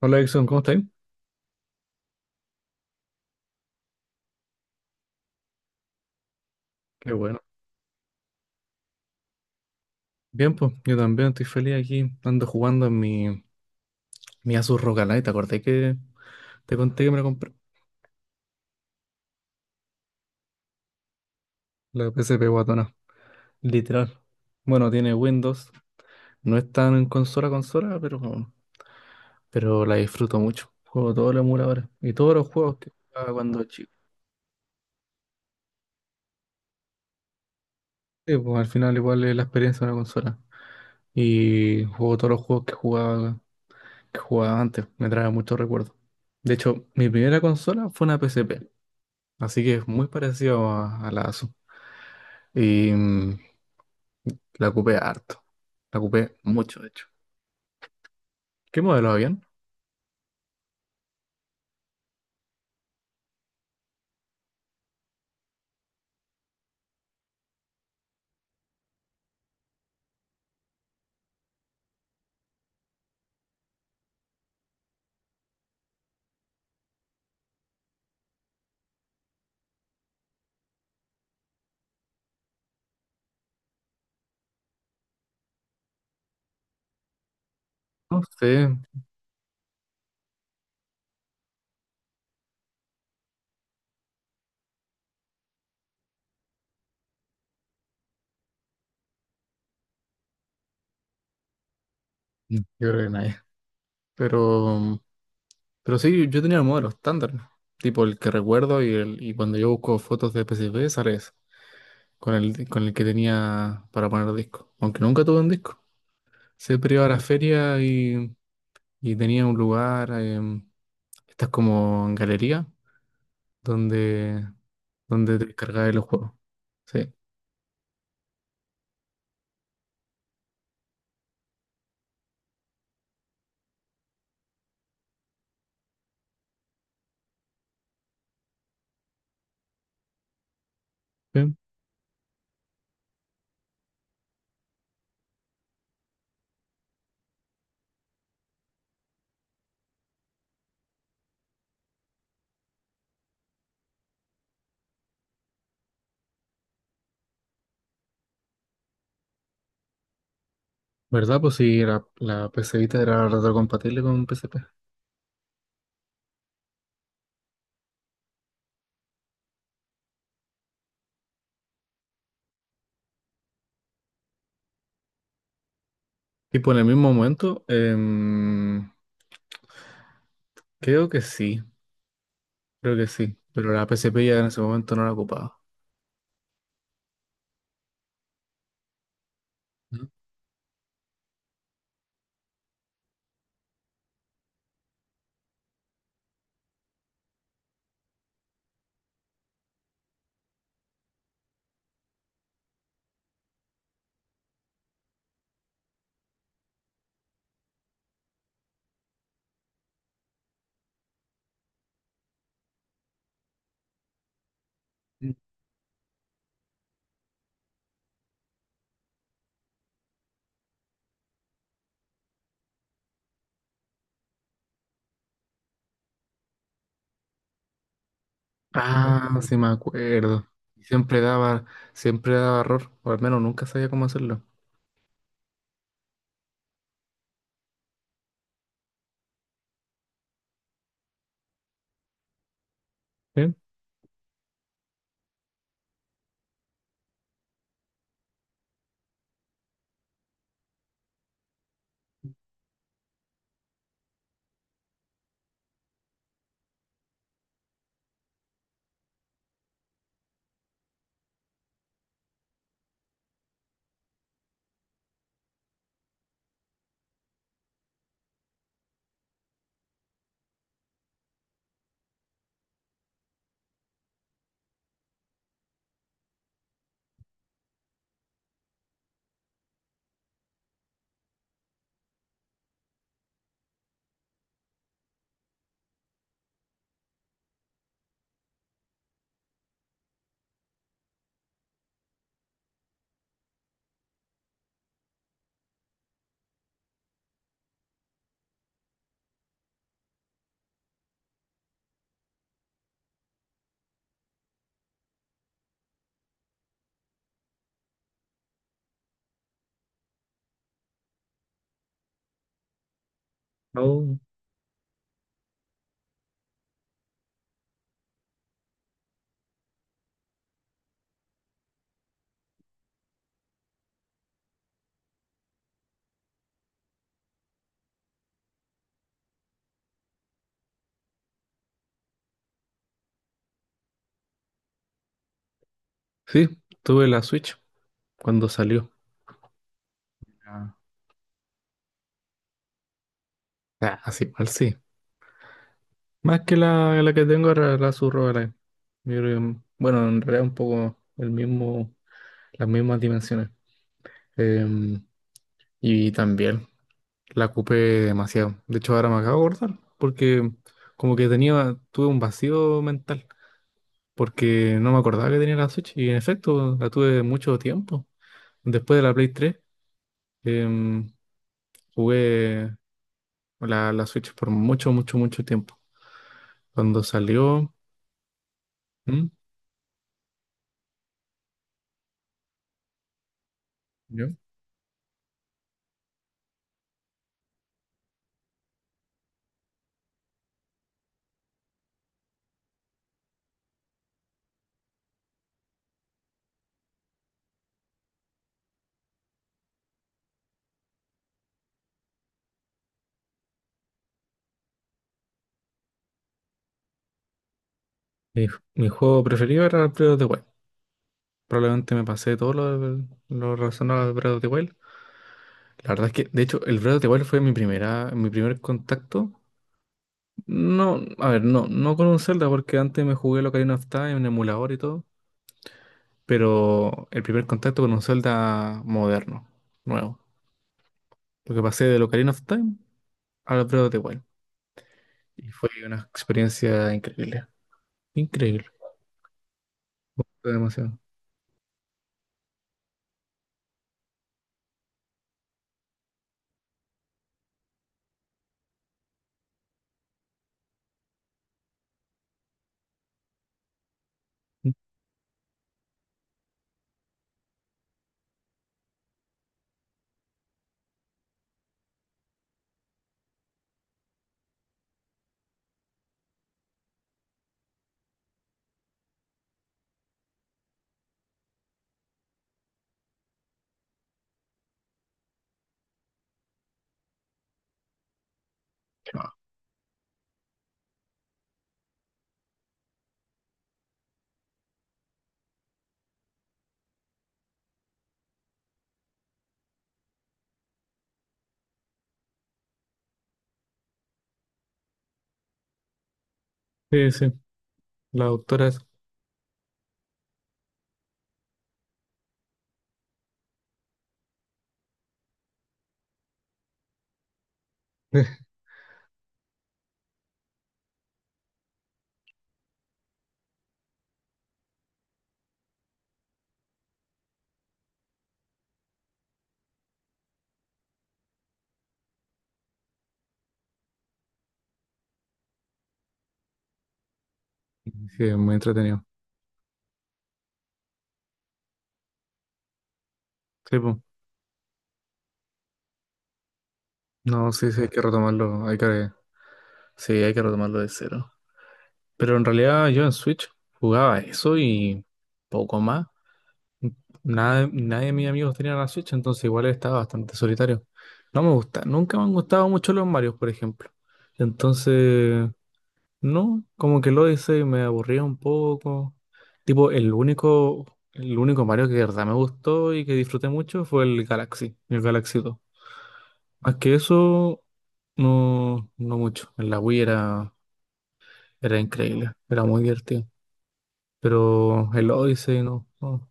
Hola Edson, ¿cómo estáis? Qué bueno. Bien, pues, yo también estoy feliz aquí. Ando jugando en mi Asus ROG Ally. ¿Te acordé que te conté que me la compré? La P S P guatona. Literal. Bueno, tiene Windows. No es tan en consola a consola, pero la disfruto mucho. Juego todos los emuladores y todos los juegos que jugaba cuando chico. Sí, pues al final igual es la experiencia de una consola. Y juego todos los juegos que jugaba antes. Me trae muchos recuerdos. De hecho, mi primera consola fue una P S P. Así que es muy parecido a la ASU. Y la ocupé harto. La ocupé mucho, de hecho. ¿Qué modelo habían? No sé. Yo creo que nadie. Pero, pero sí, yo tenía el modelo estándar, ¿no? Tipo el que recuerdo y, el, y cuando yo busco fotos de PSP sale ese. Con el que tenía para poner disco. Aunque nunca tuve un disco. Siempre iba a la feria y tenía un lugar, estas como galería, donde donde te descargabas los juegos. Sí. Sí. ¿Verdad? Pues sí, la, la PC Vita era retrocompatible con PSP. Y por el mismo momento, creo que sí, creo que sí. Pero la PSP ya en ese momento no la ocupaba. ¿Mm? Mm. No. Ah, claro, sí me acuerdo. Siempre daba, siempre daba error, o al menos nunca sabía cómo hacerlo. Sí. Oh. Sí, tuve la Switch cuando salió. Ah. Ah, así mal sí. Más que la que tengo era la subrogaray. Yo creo que, bueno, en realidad un poco el mismo, las mismas dimensiones. Em, y también la ocupé demasiado. De hecho, ahora me acabo de acordar, porque como que tenía, tuve un vacío mental, porque no me acordaba que tenía la Switch. Y en efecto, la tuve mucho tiempo. Después de la Play 3, em, jugué la, la Switch por mucho, mucho, mucho tiempo. Cuando salió, ¿mm? ¿Yo? Mi, mi juego preferido era el Breath of the Wild. Probablemente me pasé todo lo relacionado al Breath of the Wild. La verdad es que, de hecho, el Breath of the Wild fue mi primera, mi primer contacto. No, a ver, no, no con un Zelda, porque antes me jugué lo Ocarina of Time en emulador y todo. Pero el primer contacto con un Zelda moderno, nuevo. Lo que pasé de Ocarina of Time al Breath of the Wild. Y fue una experiencia increíble. Increíble. Me gustó demasiado. Sí, sí. La doctora es. Sí, es muy entretenido. Sí, pues. No, sí, sí, hay que retomarlo. Hay que, sí, hay que retomarlo de cero. Pero en realidad yo en Switch jugaba eso y poco más. Nada, nadie de mis amigos tenía la Switch, entonces igual estaba bastante solitario. No me gusta, nunca me han gustado mucho los Marios, por ejemplo. Entonces, no, como que lo hice y me aburría un poco. Tipo, el único Mario que de verdad me gustó y que disfruté mucho fue el Galaxy 2. Más que eso, no, no mucho. En la Wii era era increíble, era muy divertido. Pero el Odyssey no. No.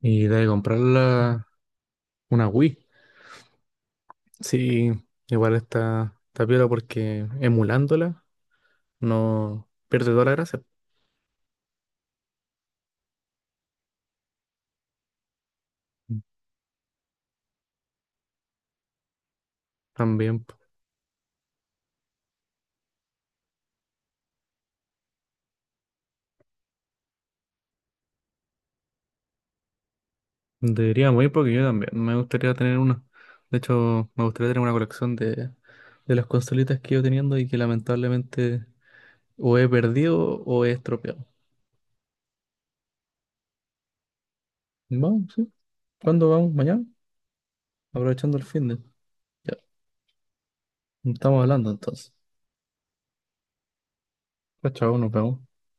Y de comprar la- una Wii. Sí, igual está, está piola porque emulándola no pierde toda la gracia. También po. Deberíamos ir porque yo también me gustaría tener una. De hecho, me gustaría tener una colección de las consolitas que he ido teniendo y que lamentablemente o he perdido o he estropeado. Vamos, sí. ¿Cuándo vamos? ¿Mañana? Aprovechando el fin de. Ya, estamos hablando entonces. Chao, chao, nos vemos.